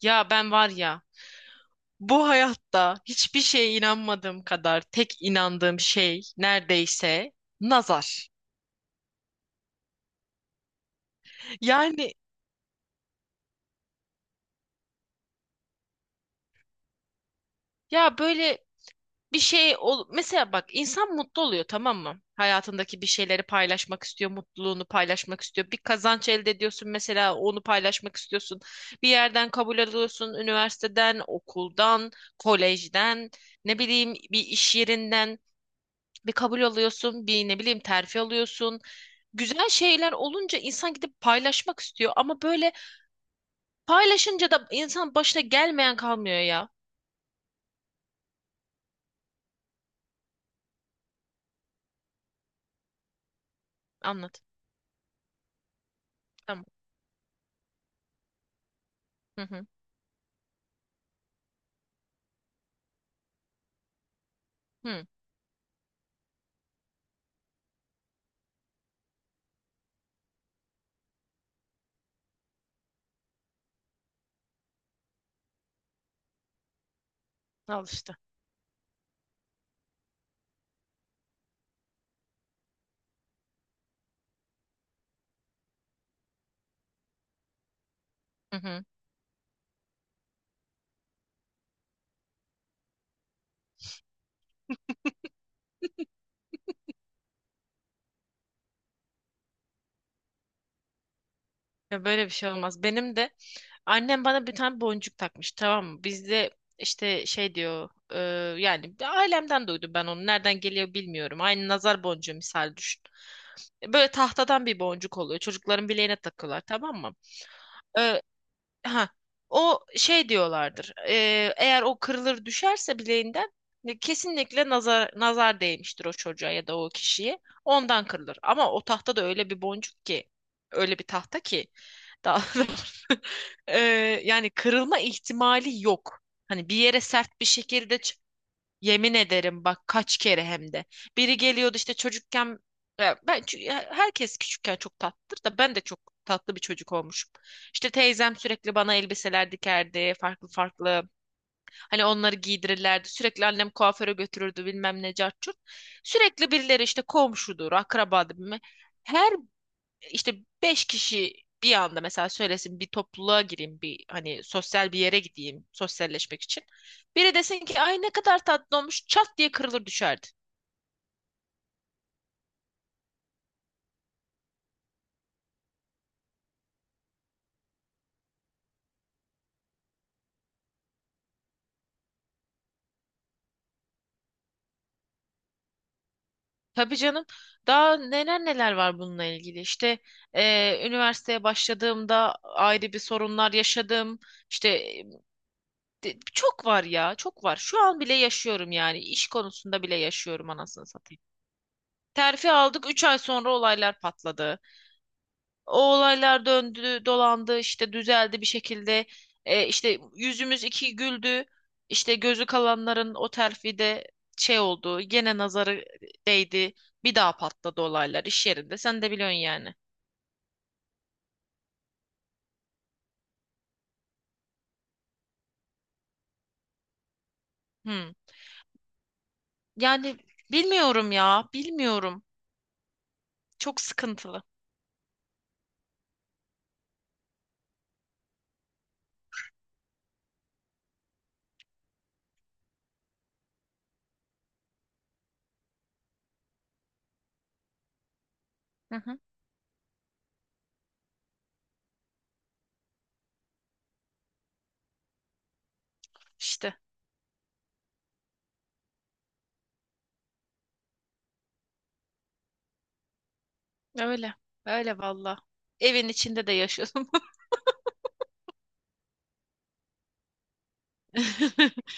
Ya ben var ya, bu hayatta hiçbir şeye inanmadığım kadar tek inandığım şey neredeyse nazar. Yani ya, böyle bir şey ol mesela, bak insan mutlu oluyor, tamam mı? Hayatındaki bir şeyleri paylaşmak istiyor, mutluluğunu paylaşmak istiyor. Bir kazanç elde ediyorsun mesela, onu paylaşmak istiyorsun. Bir yerden kabul alıyorsun, üniversiteden, okuldan, kolejden, ne bileyim bir iş yerinden. Bir kabul alıyorsun, bir ne bileyim terfi alıyorsun. Güzel şeyler olunca insan gidip paylaşmak istiyor, ama böyle paylaşınca da insan başına gelmeyen kalmıyor ya. Anlat. Tamam. Hı hı. Hı. Al işte. Hı hı. Ya, böyle bir şey olmaz. Benim de annem bana bir tane boncuk takmış, tamam mı? Bizde işte şey diyor, yani ailemden duydum ben onu. Nereden geliyor bilmiyorum. Aynı nazar boncuğu, misal düşün. Böyle tahtadan bir boncuk oluyor. Çocukların bileğine takıyorlar, tamam mı? E, ha o şey diyorlardır. Eğer o kırılır düşerse bileğinden, kesinlikle nazar değmiştir o çocuğa ya da o kişiye. Ondan kırılır. Ama o tahta da öyle bir boncuk ki, öyle bir tahta ki, daha doğrusu, ee, yani kırılma ihtimali yok. Hani bir yere sert bir şekilde. Yemin ederim bak, kaç kere hem de. Biri geliyordu işte çocukken, ya ben çünkü herkes küçükken çok tatlıdır da, ben de çok tatlı bir çocuk olmuşum. İşte teyzem sürekli bana elbiseler dikerdi, farklı farklı. Hani onları giydirirlerdi. Sürekli annem kuaföre götürürdü, bilmem ne cart curt. Sürekli birileri işte komşudur, akrabadır. Her işte, beş kişi bir anda mesela söylesin, bir topluluğa gireyim, bir hani sosyal bir yere gideyim sosyalleşmek için. Biri desin ki ay ne kadar tatlı olmuş, çat diye kırılır düşerdi. Tabii canım, daha neler neler var bununla ilgili işte, üniversiteye başladığımda ayrı bir sorunlar yaşadım, işte çok var ya, çok var, şu an bile yaşıyorum, yani iş konusunda bile yaşıyorum anasını satayım. Terfi aldık, 3 ay sonra olaylar patladı. O olaylar döndü, dolandı, işte düzeldi bir şekilde. E, işte yüzümüz iki güldü. İşte gözü kalanların o terfide şey oldu. Gene nazarı değdi. Bir daha patladı olaylar iş yerinde. Sen de biliyorsun yani. Hmm. Yani bilmiyorum ya, bilmiyorum. Çok sıkıntılı. Hı hı. İşte öyle. Öyle valla. Evin içinde de yaşıyorum.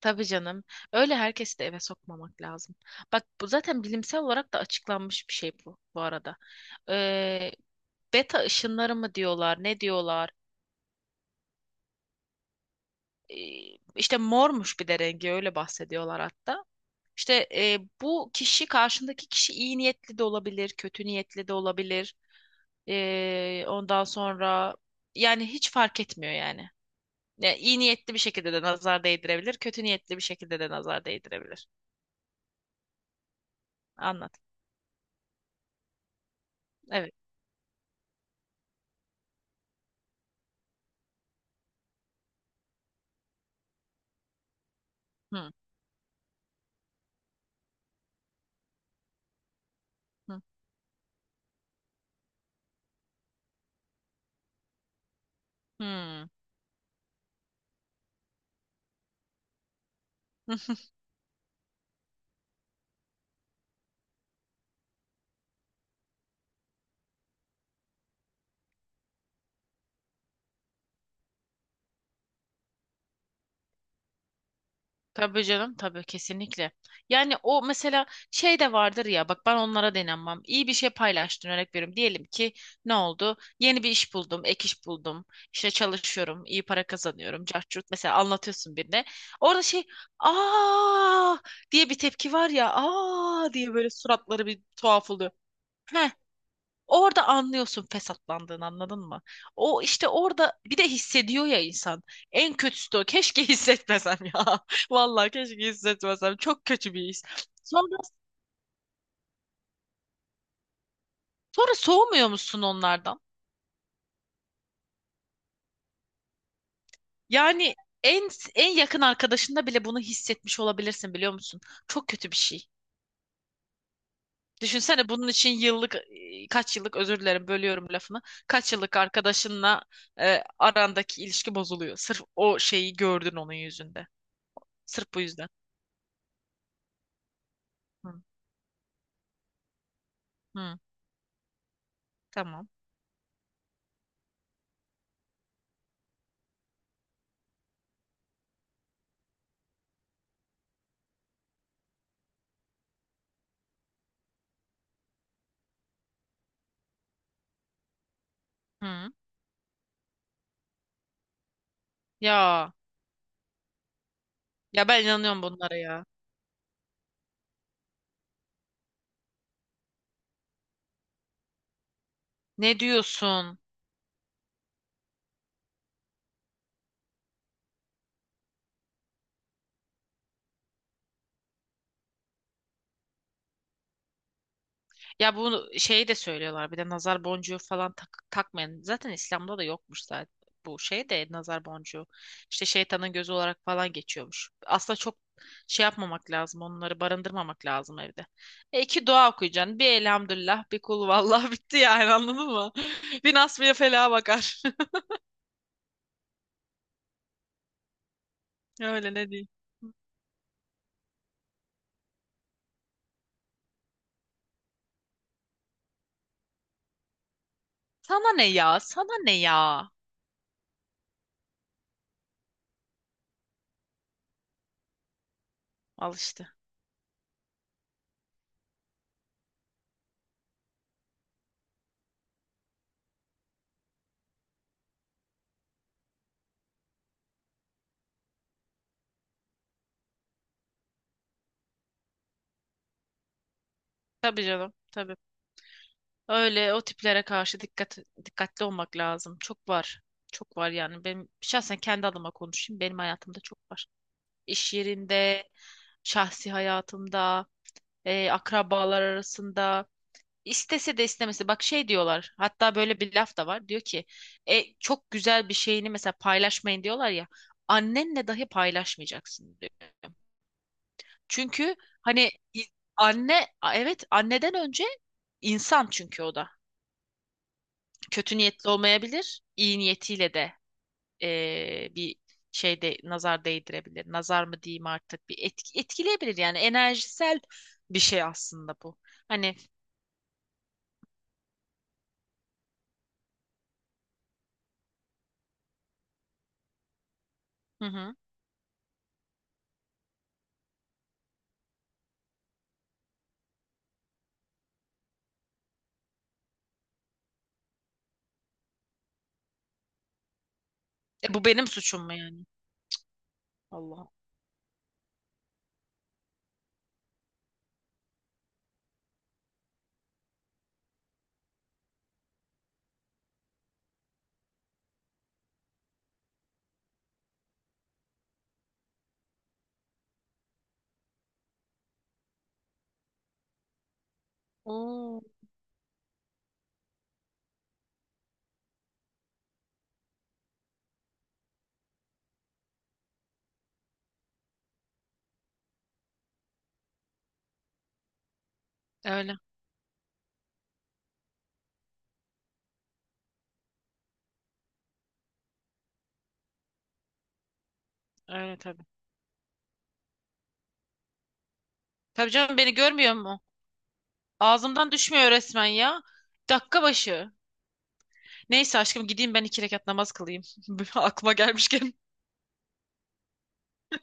Tabii canım. Öyle, herkesi de eve sokmamak lazım. Bak bu zaten bilimsel olarak da açıklanmış bir şey bu, bu arada. Ee, beta ışınları mı diyorlar, ne diyorlar? Ee, işte mormuş bir de rengi, öyle bahsediyorlar hatta. İşte bu kişi, karşındaki kişi iyi niyetli de olabilir, kötü niyetli de olabilir. Ondan sonra, yani hiç fark etmiyor yani. Ya, iyi niyetli bir şekilde de nazar değdirebilir, kötü niyetli bir şekilde de nazar değdirebilir. Anlat. Evet. Hı. Hı. Hmm. Tabii canım, tabii, kesinlikle. Yani o mesela şey de vardır ya, bak ben onlara denenmem. İyi bir şey paylaştın, örnek veriyorum. Diyelim ki ne oldu? Yeni bir iş buldum, ek iş buldum. İşte çalışıyorum, iyi para kazanıyorum. Cart, mesela anlatıyorsun birine. Orada şey, aa diye bir tepki var ya, aa diye böyle suratları bir tuhaf oluyor. He. Orada anlıyorsun fesatlandığını, anladın mı? O işte, orada bir de hissediyor ya insan. En kötüsü de o. Keşke hissetmesem ya. Vallahi keşke hissetmesem. Çok kötü bir his. Sonra sonra soğumuyor musun onlardan? Yani en en yakın arkadaşında bile bunu hissetmiş olabilirsin, biliyor musun? Çok kötü bir şey. Düşünsene, bunun için kaç yıllık, özür dilerim bölüyorum lafını. Kaç yıllık arkadaşınla arandaki ilişki bozuluyor. Sırf o şeyi gördün onun yüzünde. Sırf bu yüzden. Hı, tamam. Hı. Ya ya ben inanıyorum bunlara ya. Ne diyorsun? Ya, bu şeyi de söylüyorlar bir de, nazar boncuğu falan takmayın. Zaten İslam'da da yokmuş zaten bu şey de, nazar boncuğu. İşte şeytanın gözü olarak falan geçiyormuş. Aslında çok şey yapmamak lazım. Onları barındırmamak lazım evde. E iki dua okuyacaksın. Bir elhamdülillah, bir kul vallahi bitti yani, anladın mı? Bir nasmiye felaha bakar. Öyle, ne diyeyim. Sana ne ya? Sana ne ya? Al işte. Tabii canım, tabii. Öyle, o tiplere karşı dikkatli olmak lazım. Çok var. Çok var yani. Benim şahsen kendi adıma konuşayım, benim hayatımda çok var. İş yerinde, şahsi hayatımda, akrabalar arasında. İstese de istemese. Bak, şey diyorlar. Hatta böyle bir laf da var. Diyor ki çok güzel bir şeyini mesela paylaşmayın diyorlar ya. Annenle dahi paylaşmayacaksın diyor. Çünkü hani i- anne, evet, anneden önce insan, çünkü o da kötü niyetli olmayabilir, iyi niyetiyle de bir şeyde nazar değdirebilir. Nazar mı diyeyim artık, bir etkileyebilir yani, enerjisel bir şey aslında bu. Hani hı hı. Bu benim suçum mu yani? Allah. Oo, öyle. Öyle tabii. Tabii canım, beni görmüyor mu? Ağzımdan düşmüyor resmen ya. Dakika başı. Neyse aşkım, gideyim ben 2 rekat namaz kılayım. Aklıma gelmişken.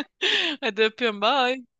Hadi öpüyorum. Bye.